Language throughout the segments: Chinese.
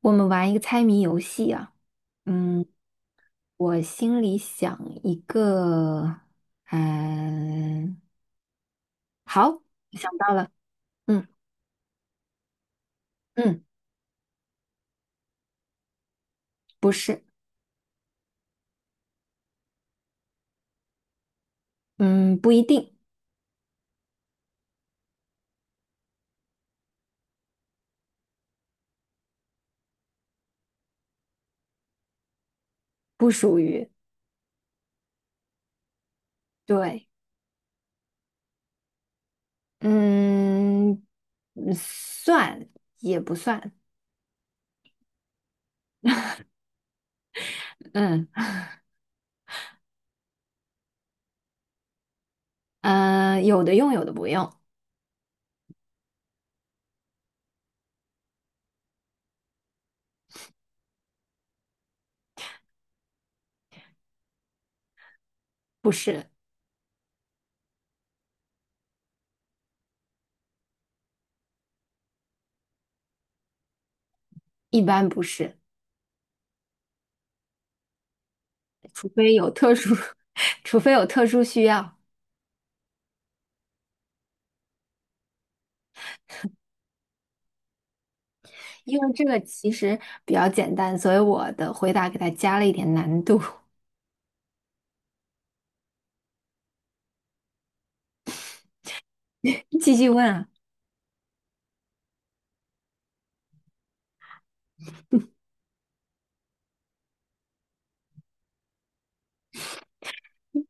我们玩一个猜谜游戏啊。嗯，我心里想一个。嗯，好，我想到了。嗯嗯，不是。嗯，不一定。不属于。对。嗯，嗯算也不算。嗯嗯，有的用，有的不用。不是。一般不是。除非有特殊，除非有特殊需要。因为这个其实比较简单，所以我的回答给它加了一点难度。继续问啊，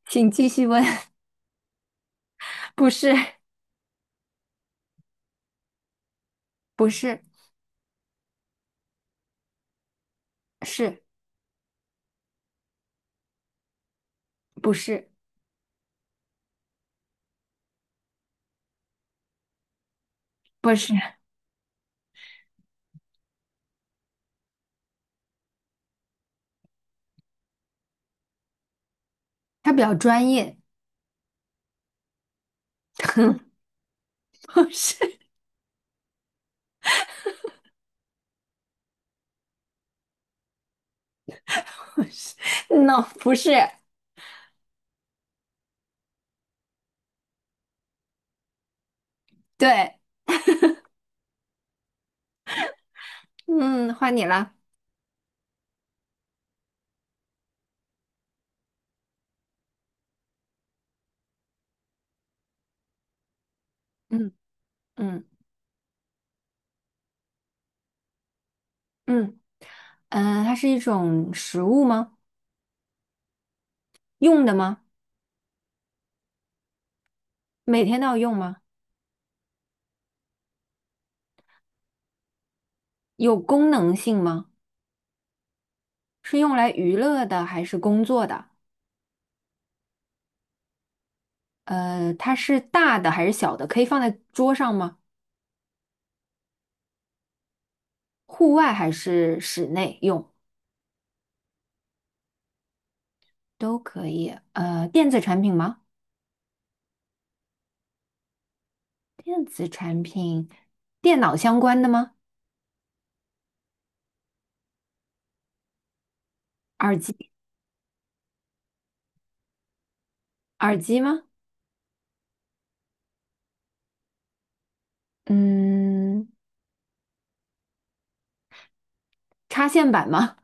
请继续问。不是。不是。是不是？不是，它比较专业。不是。不是，no，不是。对。嗯，换你了。嗯嗯嗯，它是一种食物吗？用的吗？每天都要用吗？有功能性吗？是用来娱乐的还是工作的？它是大的还是小的？可以放在桌上吗？户外还是室内用都可以。电子产品吗？电子，电脑相关的吗？耳机，耳机吗？嗯，插线板吗？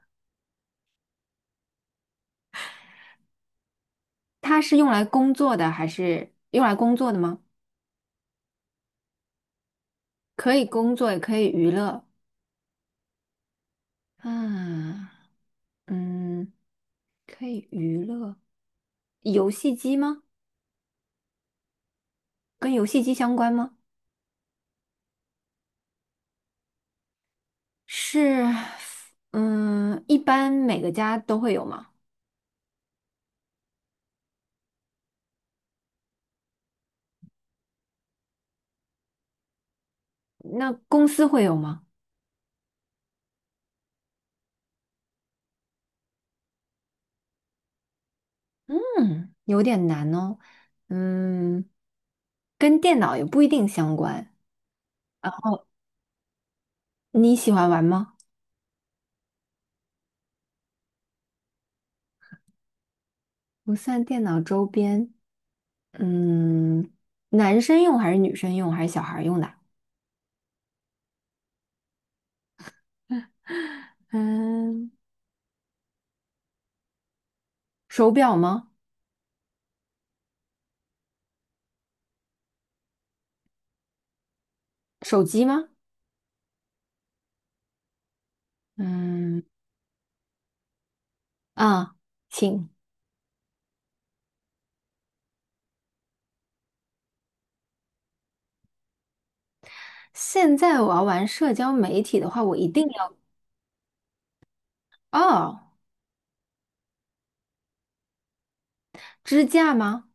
它是用来工作的还是用来工作的吗？可以工作，也可以娱乐。啊，嗯，可以娱乐。游戏机吗？跟游戏机相关吗？是。嗯，一般每个家都会有吗？那公司会有吗？嗯，有点难哦。嗯，跟电脑也不一定相关。哦，你喜欢玩吗？不算电脑周边。嗯，男生用还是女生用还是小孩儿用的？嗯，手表吗？手机吗？嗯啊，请。现在我要玩社交媒体的话，我一定要哦，支架吗？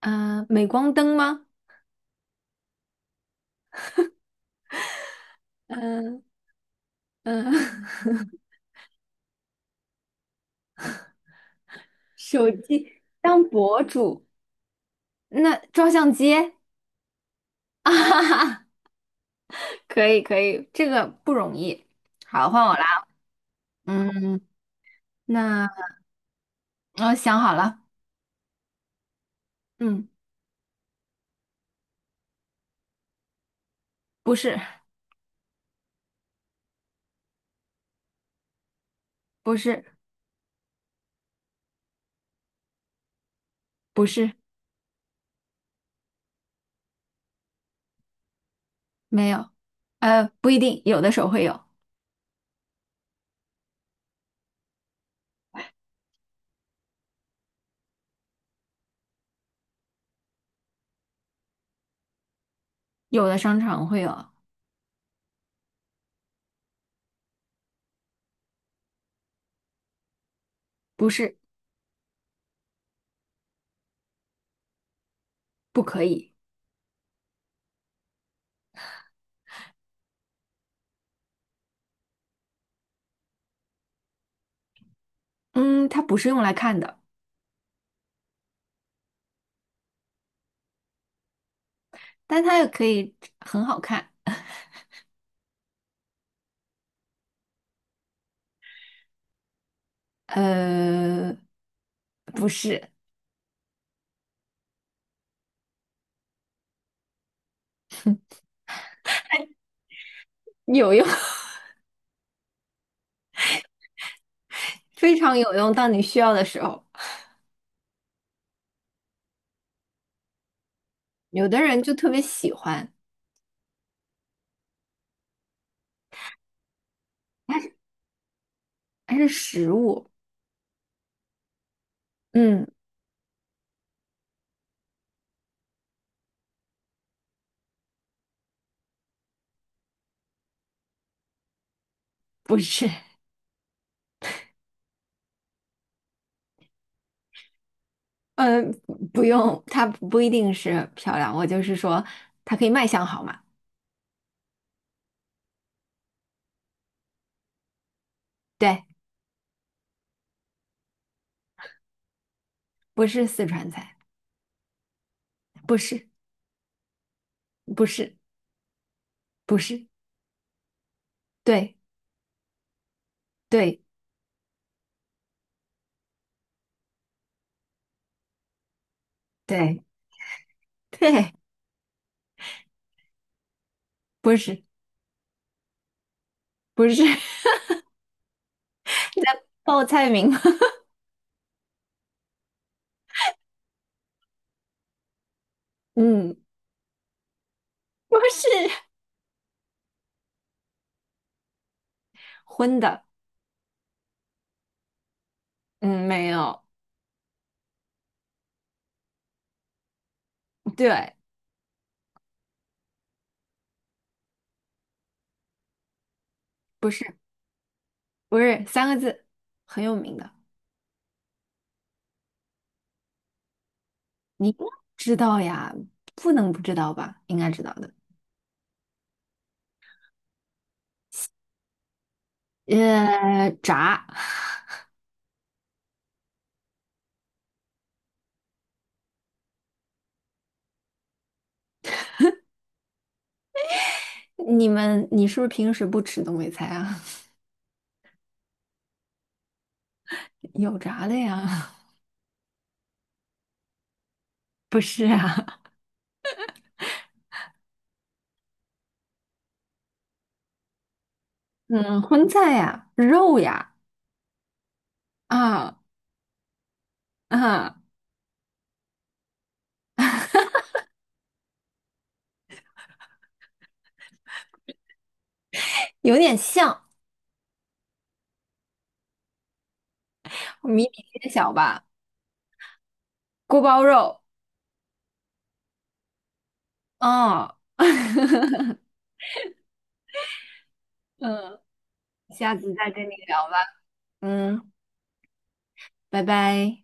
嗯、镁光灯吗？嗯嗯，手机当博主，那照相机。啊哈哈，可以可以，这个不容易。好，换我啦。嗯，那我想好了。嗯，不是。不是。不是。没有。不一定，有的时候会有，有的商场会有。不是。不可以。嗯，它不是用来看的，但它也可以很好看。呃，不是。有用，非常有用。当你需要的时候，有的人就特别喜欢，它是它是食物。嗯，不是。嗯，不用，它不一定是漂亮，我就是说它可以卖相好嘛。对，不是四川菜。不是。不是。不是。对。对。对。对。不是。不是。报菜名吗？嗯，不是，荤的，嗯，没有。对，不是。不是，三个字，很有名的，你应该知道呀，不能不知道吧？应该知道的。炸。你们，你是不是平时不吃东北菜啊？有炸的呀。不是啊。嗯，荤菜呀，肉呀。啊啊，有点像。谜底揭小吧，锅包肉。哦，嗯，下次再跟你聊吧。嗯，拜拜。